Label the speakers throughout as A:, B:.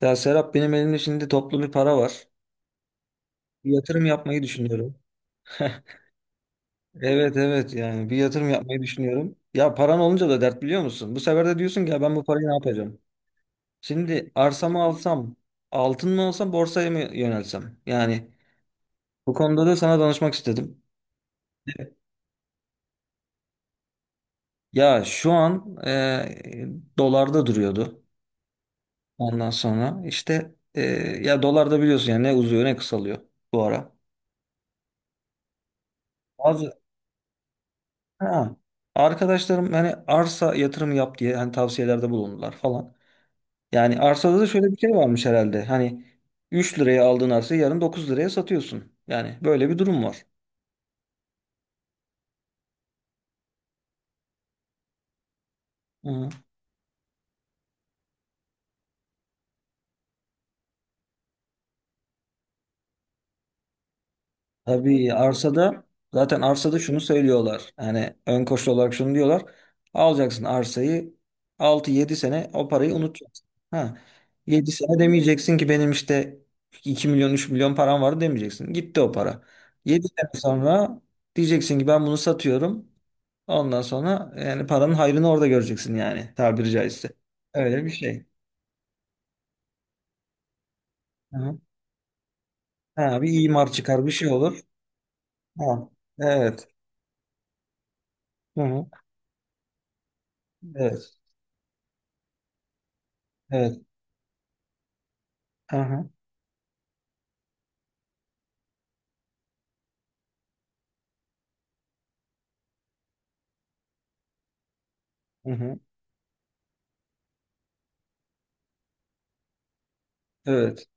A: Ya Serap benim elimde şimdi toplu bir para var. Bir yatırım yapmayı düşünüyorum. Evet evet yani bir yatırım yapmayı düşünüyorum. Ya paran olunca da dert biliyor musun? Bu sefer de diyorsun ki ya ben bu parayı ne yapacağım? Şimdi arsamı alsam, altın mı alsam, borsaya mı yönelsem? Yani bu konuda da sana danışmak istedim. Ya şu an dolarda duruyordu. Ondan sonra işte ya dolarda biliyorsun yani ne uzuyor ne kısalıyor bu ara. Bazı. Ha. Arkadaşlarım hani arsa yatırımı yap diye hani tavsiyelerde bulundular falan. Yani arsada da şöyle bir şey varmış herhalde. Hani 3 liraya aldığın arsayı yarın 9 liraya satıyorsun. Yani böyle bir durum var. Hı. Tabii arsada zaten arsada şunu söylüyorlar. Yani ön koşul olarak şunu diyorlar. Alacaksın arsayı 6-7 sene o parayı unutacaksın. Ha. 7 sene demeyeceksin ki benim işte 2 milyon 3 milyon param vardı demeyeceksin. Gitti o para. 7 sene sonra diyeceksin ki ben bunu satıyorum. Ondan sonra yani paranın hayrını orada göreceksin yani tabiri caizse. Öyle bir şey. Hı. Ha, bir imar çıkar bir şey olur. Ha. Evet. Hı hı. Evet. Evet. Aha. Hı hı. Evet.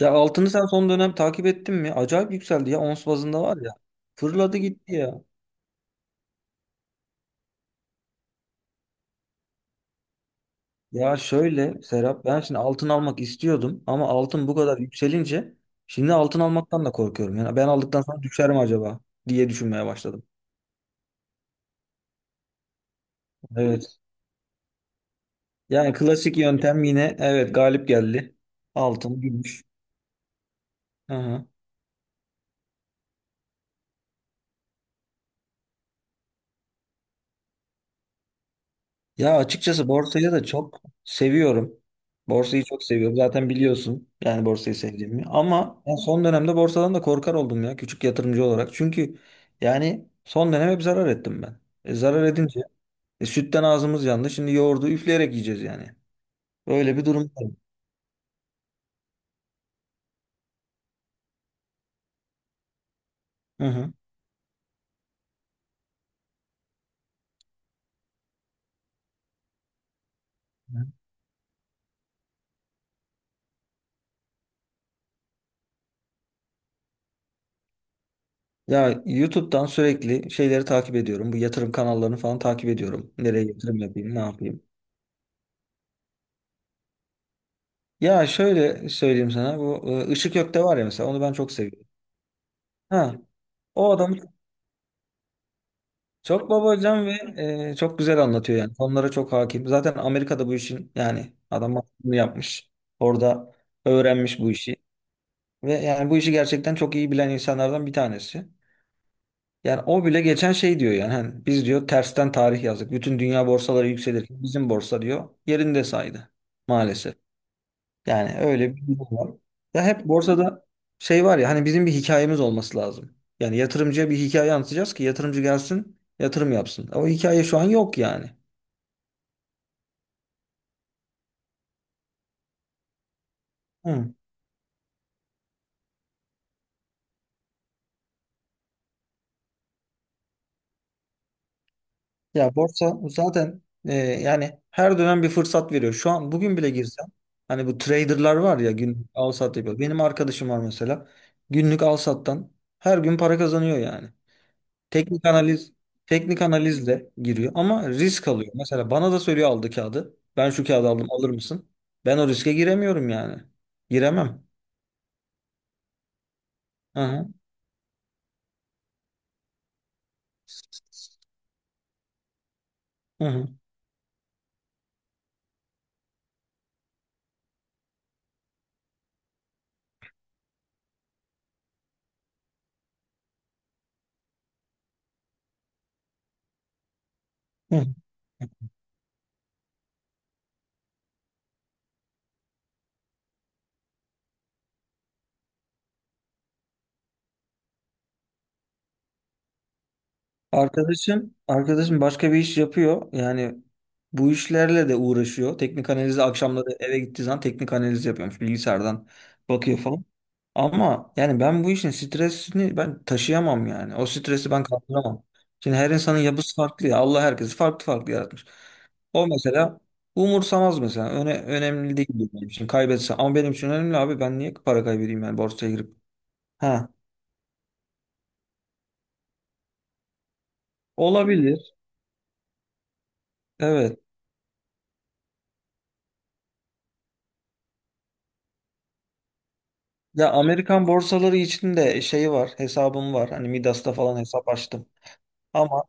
A: Ya altını sen son dönem takip ettin mi? Acayip yükseldi ya. Ons bazında var ya. Fırladı gitti ya. Ya şöyle Serap ben şimdi altın almak istiyordum ama altın bu kadar yükselince şimdi altın almaktan da korkuyorum. Yani ben aldıktan sonra düşer mi acaba diye düşünmeye başladım. Evet. Yani klasik yöntem yine evet galip geldi. Altın, gümüş. Aha. Ya açıkçası borsayı da çok seviyorum. Borsayı çok seviyorum. Zaten biliyorsun yani borsayı sevdiğimi. Ama ben son dönemde borsadan da korkar oldum ya küçük yatırımcı olarak. Çünkü yani son dönem hep zarar ettim ben. Zarar edince sütten ağzımız yandı. Şimdi yoğurdu üfleyerek yiyeceğiz yani. Böyle bir durum var. Hı hı. Ya YouTube'dan sürekli şeyleri takip ediyorum. Bu yatırım kanallarını falan takip ediyorum. Nereye yatırım yapayım, ne yapayım. Ya şöyle söyleyeyim sana. Bu Işık Gök'te var ya mesela onu ben çok seviyorum. Ha. O adam çok babacan ve çok güzel anlatıyor yani. Konulara çok hakim. Zaten Amerika'da bu işin yani adam bunu yapmış. Orada öğrenmiş bu işi. Ve yani bu işi gerçekten çok iyi bilen insanlardan bir tanesi. Yani o bile geçen şey diyor yani hani biz diyor tersten tarih yazdık. Bütün dünya borsaları yükselirken bizim borsa diyor yerinde saydı maalesef. Yani öyle bir durum var. Ya hep borsada şey var ya hani bizim bir hikayemiz olması lazım. Yani yatırımcıya bir hikaye anlatacağız ki yatırımcı gelsin yatırım yapsın. O hikaye şu an yok yani. Hı. Ya borsa zaten yani her dönem bir fırsat veriyor. Şu an bugün bile girsem hani bu traderlar var ya gün al sat yapıyor. Benim arkadaşım var mesela günlük al sattan her gün para kazanıyor yani. Teknik analiz Teknik analizle giriyor ama risk alıyor. Mesela bana da söylüyor aldı kağıdı. Ben şu kağıdı aldım alır mısın? Ben o riske giremiyorum yani. Giremem. Hı hı. Hı hı. Hı hı. Arkadaşım başka bir iş yapıyor. Yani bu işlerle de uğraşıyor. Teknik analizi akşamları eve gittiği zaman teknik analiz yapıyormuş. Bilgisayardan bakıyor falan. Ama yani ben bu işin stresini ben taşıyamam yani. O stresi ben kaldıramam. Şimdi her insanın yapısı farklı ya. Allah herkesi farklı farklı yaratmış. O mesela umursamaz mesela. Önemli değil benim için kaybetse. Ama benim için önemli abi. Ben niye para kaybedeyim yani borsaya girip? Ha, olabilir. Evet. Ya Amerikan borsaları için de şey var. Hesabım var. Hani Midas'ta falan hesap açtım. Ama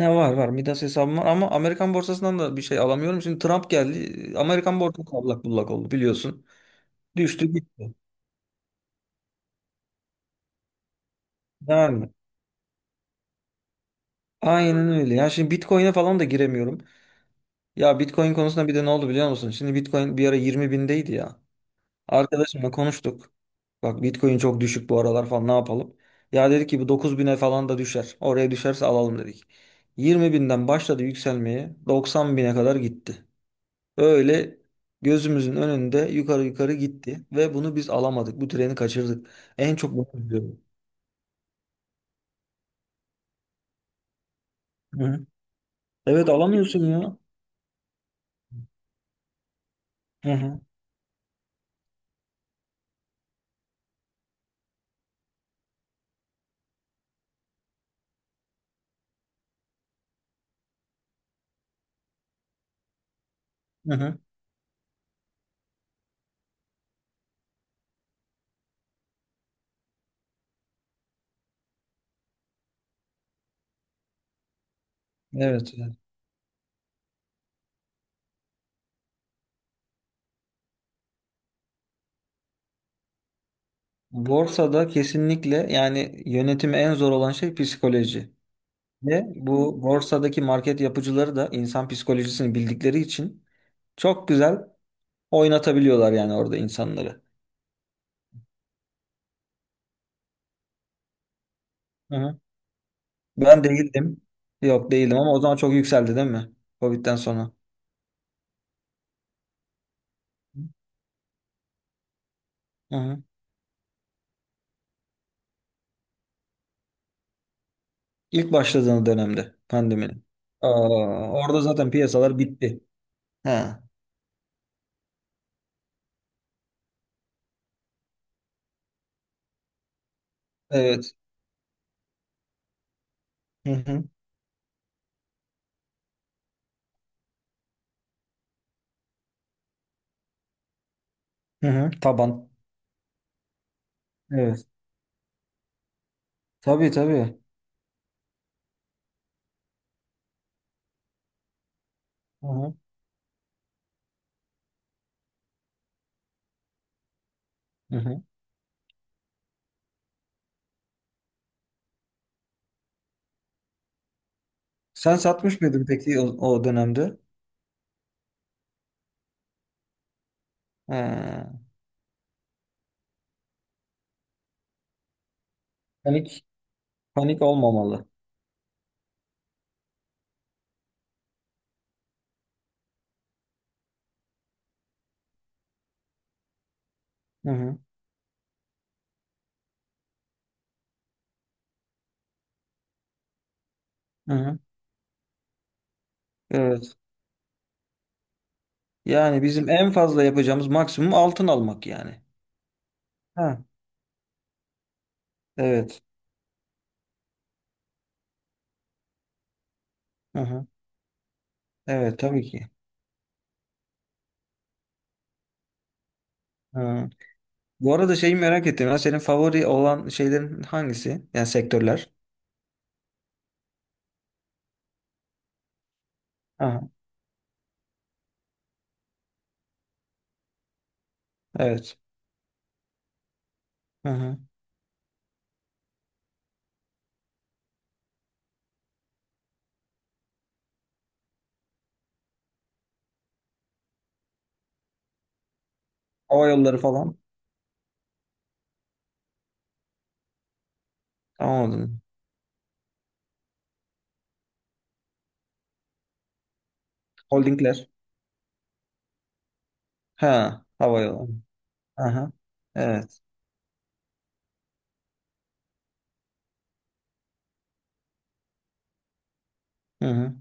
A: he var var Midas hesabım var ama Amerikan borsasından da bir şey alamıyorum. Şimdi Trump geldi. Amerikan borsası allak bullak oldu biliyorsun. Düştü gitti. Yani aynen öyle. Ya şimdi Bitcoin'e falan da giremiyorum. Ya Bitcoin konusunda bir de ne oldu biliyor musun? Şimdi Bitcoin bir ara 20 bindeydi ya. Arkadaşımla konuştuk. Bak Bitcoin çok düşük bu aralar falan ne yapalım? Ya dedi ki bu 9.000'e falan da düşer. Oraya düşerse alalım dedik. 20 binden başladı yükselmeye 90 bine kadar gitti. Böyle gözümüzün önünde yukarı yukarı gitti ve bunu biz alamadık. Bu treni kaçırdık. En çok bunu üzüyorum. Hı hı. Evet alamıyorsun ya. Hı hı. Hı hı. Evet. Evet. Borsada kesinlikle yani yönetimi en zor olan şey psikoloji. Ve bu borsadaki market yapıcıları da insan psikolojisini bildikleri için çok güzel oynatabiliyorlar yani orada insanları. Hı hı. Ben değildim. Yok değildim ama o zaman çok yükseldi değil mi? Covid'den sonra. Hı hı. İlk başladığı dönemde pandeminin. Aa, orada zaten piyasalar bitti. Ha, evet. Hı hı. Hı hı. Taban. Evet. Tabii tabii. Hı hı. Hı hı. Sen satmış mıydın peki o dönemde? Ha. Panik Panik olmamalı. Hı hı. Hı hı. Evet. Yani bizim en fazla yapacağımız maksimum altın almak yani. Ha, evet. Hı hı. Evet tabii ki. Hı. Bu arada şeyi merak ettim. Ya, senin favori olan şeylerin hangisi? Yani sektörler. Aha, evet. Hı hı. Hava yolları falan. Anladım. Holdingler. Ha, hava yolları. Aha. Evet. Hı hı.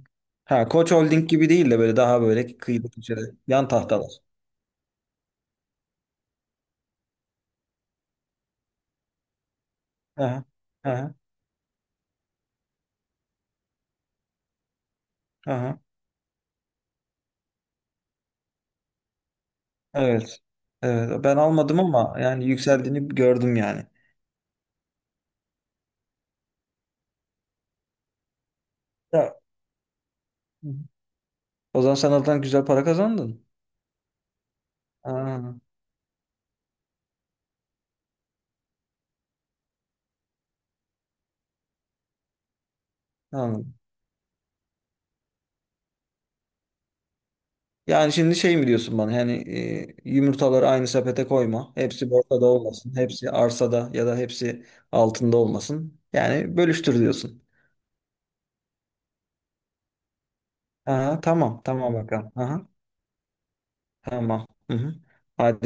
A: Ha, Koç Holding gibi değil de böyle daha böyle kıyıda köşede yan tahtalar. Aha. Aha. Aha. Evet. Evet. Ben almadım ama yani yükseldiğini gördüm yani. Ya. O zaman sen oradan güzel para kazandın. Aa, anladım. Yani şimdi şey mi diyorsun bana? Yani yumurtaları aynı sepete koyma. Hepsi borsada olmasın. Hepsi arsada ya da hepsi altında olmasın. Yani bölüştür diyorsun. Aha, tamam. Tamam bakalım. Aha, tamam. Hı hı. Hadi